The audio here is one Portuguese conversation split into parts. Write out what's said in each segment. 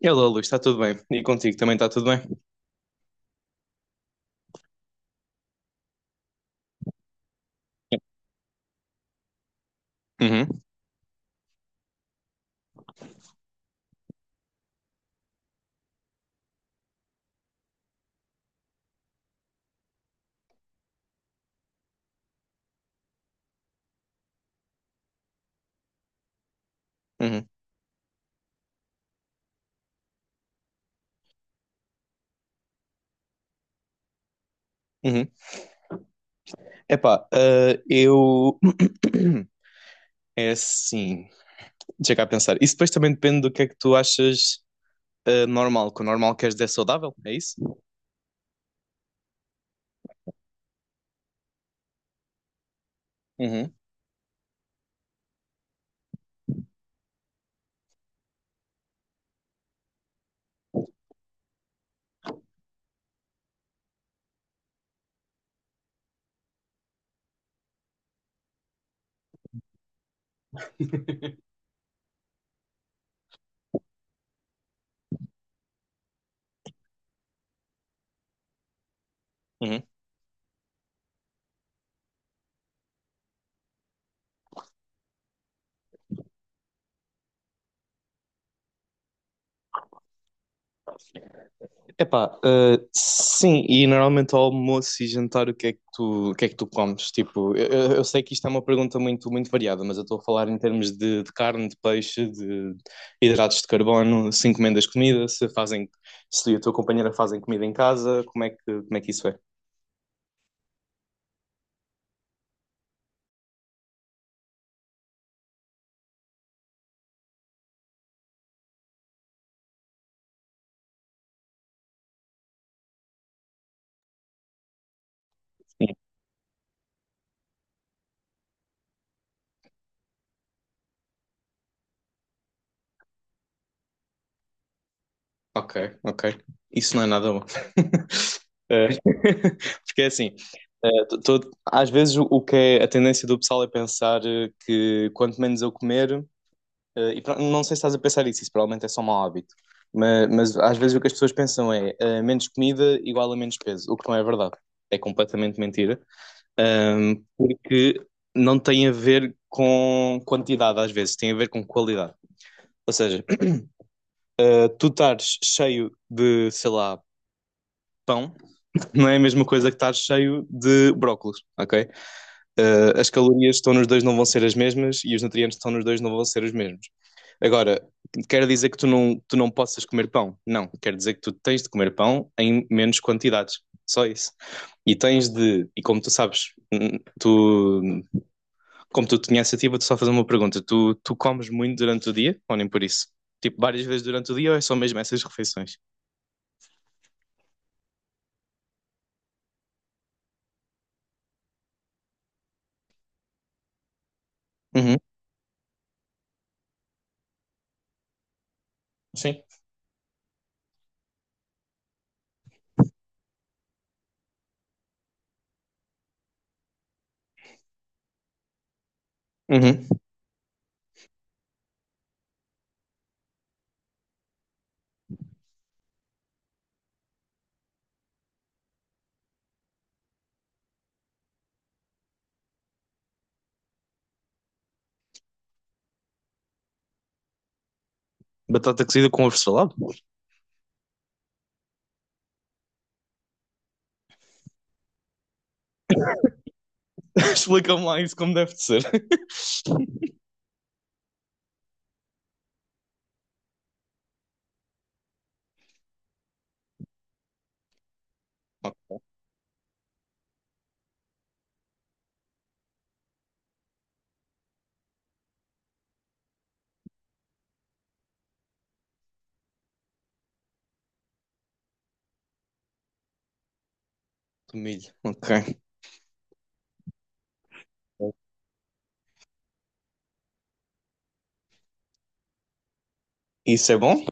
Hello, Luís, está tudo bem? E contigo também está tudo bem? Uhum, uhum, uhum. Epá, eu. É assim. Deixa cá pensar. Isso depois também depende do que é que tu achas normal. Que o normal queres dizer saudável, é isso? Uhum, uhum. Epá, sim, e normalmente ao almoço e jantar o que é que tu comes? Tipo, eu sei que isto é uma pergunta muito, muito variada, mas eu estou a falar em termos de carne, de peixe, de hidratos de carbono, se encomendas comida, se fazem, se a tua companheira fazem comida em casa, como é que isso é? Sim. Ok, ok. Isso não é nada bom. Eh, Porque é assim, às vezes o que é a tendência do pessoal é pensar que quanto menos eu comer. Não sei se estás a pensar isso provavelmente é só um mau hábito. Mas às vezes o que as pessoas pensam é menos comida igual a menos peso, o que não é verdade. É completamente mentira. Porque não tem a ver com quantidade, às vezes, tem a ver com qualidade. Ou seja, tu estares cheio de, sei lá, pão, não é a mesma coisa que estares cheio de brócolos, ok? As calorias que estão nos dois não vão ser as mesmas e os nutrientes que estão nos dois não vão ser os mesmos. Agora, quer dizer que tu não possas comer pão? Não, quer dizer que tu tens de comer pão em menos quantidades, só isso. E tens de, e como tu sabes, tu, como tu tinha essa ativa, tu só fazer uma pergunta, tu comes muito durante o dia ou nem por isso? Tipo, várias vezes durante o dia ou é só mesmo essas refeições? Uhum. Sim. Uhum. Batata cozida com ovo salado? Explica-me lá isso como deve de ser. Milho, ok. Isso é bom?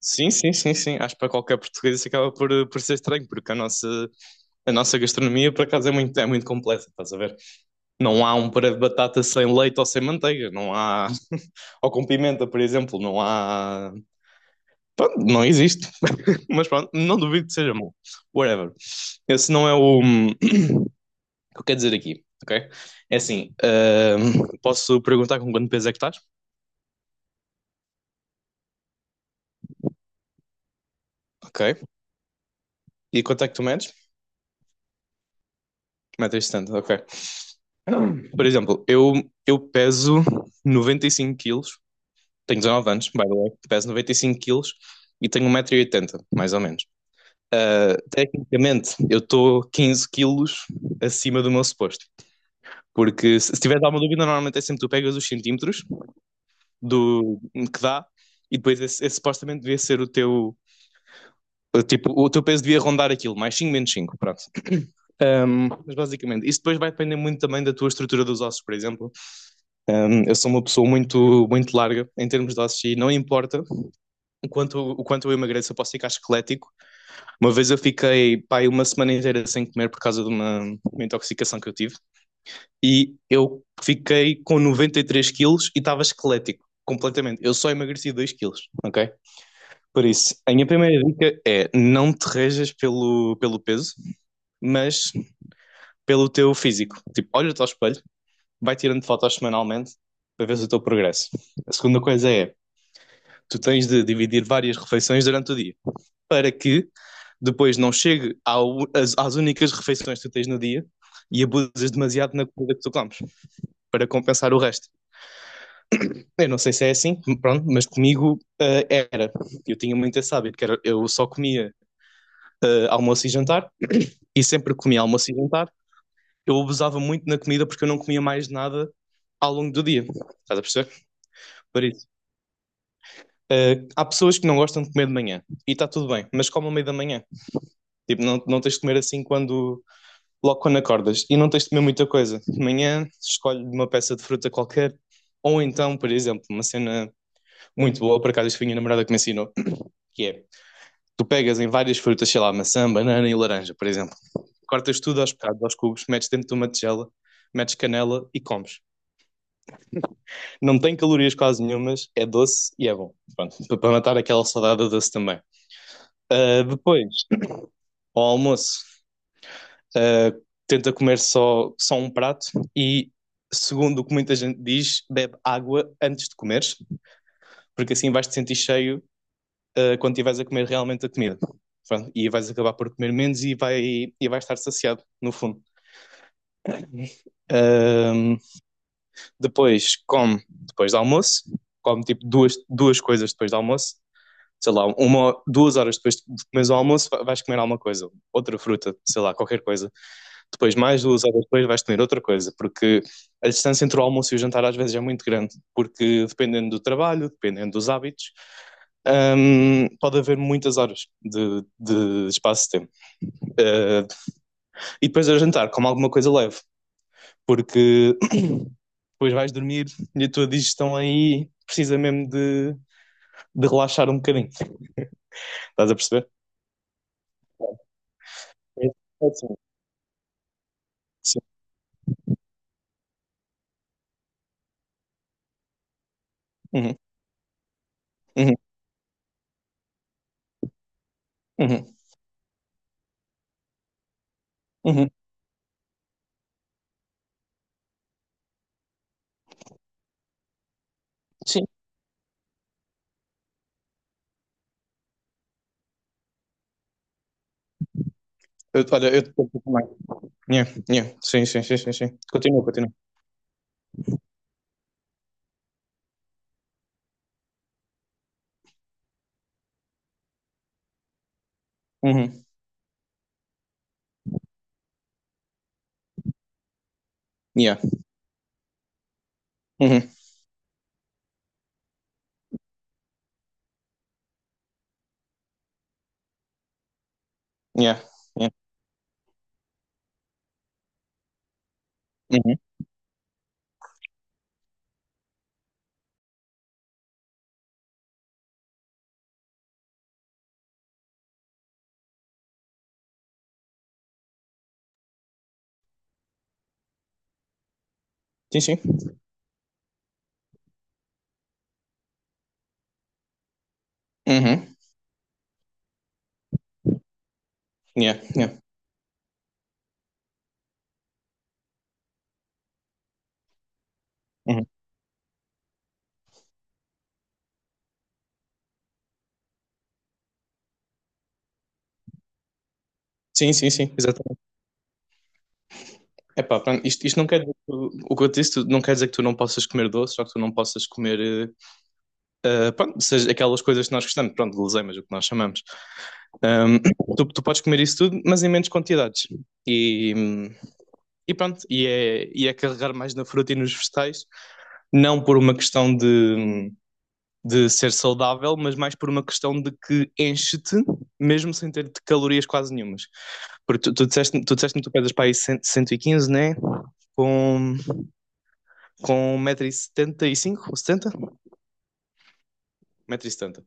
Sim, sim, sim, sim. Acho que para qualquer português isso acaba por ser estranho, porque a nossa gastronomia, por acaso, é muito complexa, estás a ver? Não há um puré de batata sem leite ou sem manteiga, não há. Ou com pimenta, por exemplo, não há. Pronto, não existe. Mas pronto, não duvido que seja bom. Whatever. Esse não é o que eu quero dizer aqui, ok? É assim, posso perguntar com quanto peso é que estás? Ok. E quanto é que tu medes? 1,70 m, ok. Por exemplo, eu peso 95 quilos, tenho 19 anos, by the way, peso 95 quilos e tenho 1,80 m mais ou menos. Tecnicamente, eu estou 15 quilos acima do meu suposto. Porque se tiveres alguma dúvida, normalmente é sempre tu pegas os centímetros do que dá e depois esse supostamente devia ser o teu. Tipo, o teu peso devia rondar aquilo, mais 5 menos 5 pronto. Mas basicamente, isso depois vai depender muito também da tua estrutura dos ossos, por exemplo. Eu sou uma pessoa muito, muito larga em termos de ossos e não importa o quanto eu emagreço, eu posso ficar esquelético. Uma vez eu fiquei, pá, uma semana inteira sem comer por causa de uma intoxicação que eu tive e eu fiquei com 93 quilos e estava esquelético, completamente. Eu só emagreci 2 quilos, ok? Por isso, a minha primeira dica é não te rejas pelo peso, mas pelo teu físico. Tipo, olha-te ao espelho, vai tirando fotos semanalmente para ver o teu progresso. A segunda coisa é, tu tens de dividir várias refeições durante o dia, para que depois não chegue às únicas refeições que tu tens no dia e abusas demasiado na comida que tu comes para compensar o resto. Eu não sei se é assim, pronto, mas comigo era. Eu tinha muito esse hábito, que era, eu só comia almoço e jantar e sempre que comia almoço e jantar. Eu abusava muito na comida porque eu não comia mais nada ao longo do dia. Estás a perceber? Por isso. Há pessoas que não gostam de comer de manhã e está tudo bem, mas comam ao meio da manhã. Tipo, não, não tens de comer assim quando logo quando acordas e não tens de comer muita coisa. De manhã, escolhe uma peça de fruta qualquer, ou então, por exemplo, uma cena muito boa, por acaso, isto foi a minha namorada que me ensinou, que é, tu pegas em várias frutas, sei lá, maçã, banana e laranja, por exemplo, cortas tudo aos bocados, aos cubos, metes dentro de uma tigela, metes canela e comes. Não tem calorias quase nenhumas, é doce e é bom, para matar aquela saudade é doce também. Depois, ao almoço, uh, tenta comer só um prato e, segundo o que muita gente diz, bebe água antes de comeres, porque assim vais te sentir cheio quando estiveres a comer realmente a comida. Pronto, e vais acabar por comer menos e vais estar saciado, no fundo. Uh, Depois come depois do almoço, come tipo duas coisas depois do almoço, sei lá, uma, duas horas depois de comeres o almoço, vais comer alguma coisa, outra fruta, sei lá, qualquer coisa. Depois, mais duas horas depois, vais comer outra coisa, porque a distância entre o almoço e o jantar às vezes é muito grande, porque dependendo do trabalho, dependendo dos hábitos, pode haver muitas horas de espaço de tempo. Eh, e depois ao jantar, como alguma coisa leve, porque depois vais dormir e a tua digestão aí precisa mesmo de relaxar um bocadinho. Estás a perceber? É, é assim, sim. Uhum, uhum, uhum, uhum. Sim. Olha, eu, yeah, yeah. Sim, sim, sim, sim, sim. Continua, continua. Uhum. Yeah. Uhum. Yeah. Yeah. Uhum. Sim, sim. Uhum. Yeah, yeah. Uhum. Sim, sim, sim, exatamente. Epá, pronto, isto não quer dizer que tu, o que eu te disse, não quer dizer que tu não possas comer doce, só que tu não possas comer, pronto, seja aquelas coisas que nós gostamos, pronto, guloseimas, o que nós chamamos. Ahm, tu podes comer isso tudo, mas em menos quantidades. E, hum, e pronto, e é carregar mais na fruta e nos vegetais, não por uma questão de ser saudável, mas mais por uma questão de que enche-te, mesmo sem ter calorias quase nenhumas. Porque tu disseste tu pesas para aí 115, né? Com, com 1,75 m ou 70? 1,70 m.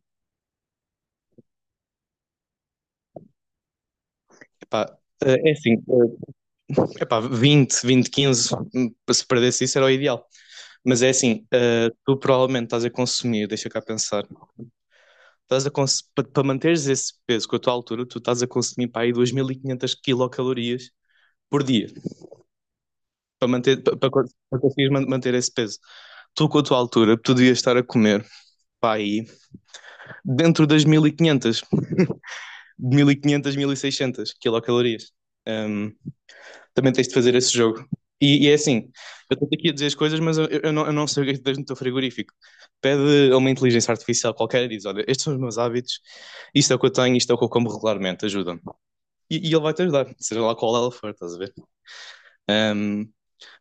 Epá, é assim, epá, 20, 20, 15, se perdesse isso era o ideal. Mas é assim, tu provavelmente estás a consumir, deixa cá pensar, para manteres esse peso com a tua altura, tu estás a consumir para aí 2500 quilocalorias por dia. Para manter, para conseguires manter esse peso. Tu, com a tua altura, tu devias estar a comer, pá, aí, dentro das mil e quinhentas mil e quinhentas 1600 quilocalorias. Hum, Também tens de fazer esse jogo. E é assim, eu estou aqui a dizer as coisas, mas eu não sei o que é que tu tens no teu frigorífico. Pede a uma inteligência artificial qualquer e diz, olha, estes são os meus hábitos, isto é o que eu tenho, isto é o que eu como regularmente, ajuda-me. E ele vai-te ajudar, seja lá qual ela for, estás a ver? Hum,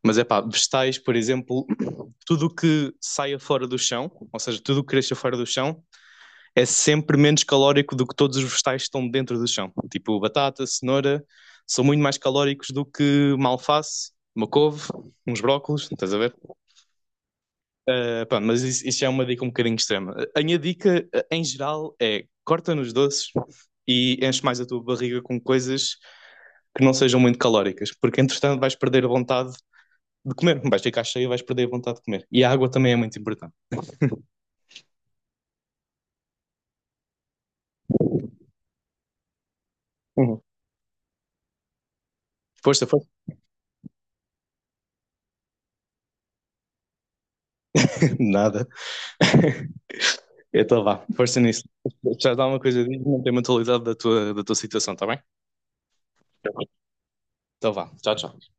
mas é pá, vegetais, por exemplo, tudo o que saia fora do chão, ou seja, tudo o que cresça fora do chão, é sempre menos calórico do que todos os vegetais que estão dentro do chão. Tipo batata, cenoura, são muito mais calóricos do que uma alface, uma couve, uns brócolos, estás a ver? Ah, pá, mas isso é uma dica um bocadinho extrema. A minha dica, em geral, é corta nos doces e enche mais a tua barriga com coisas que não sejam muito calóricas, porque entretanto vais perder a vontade de comer, vais ficar cheio e vais perder a vontade de comer. E a água também é muito importante. Uhum. Força, força. Nada. Então vá, força nisso. Já dá uma coisa, diz-me, mantém a atualidade da tua situação, está bem? Tá bem. Então vá, tchau, tchau.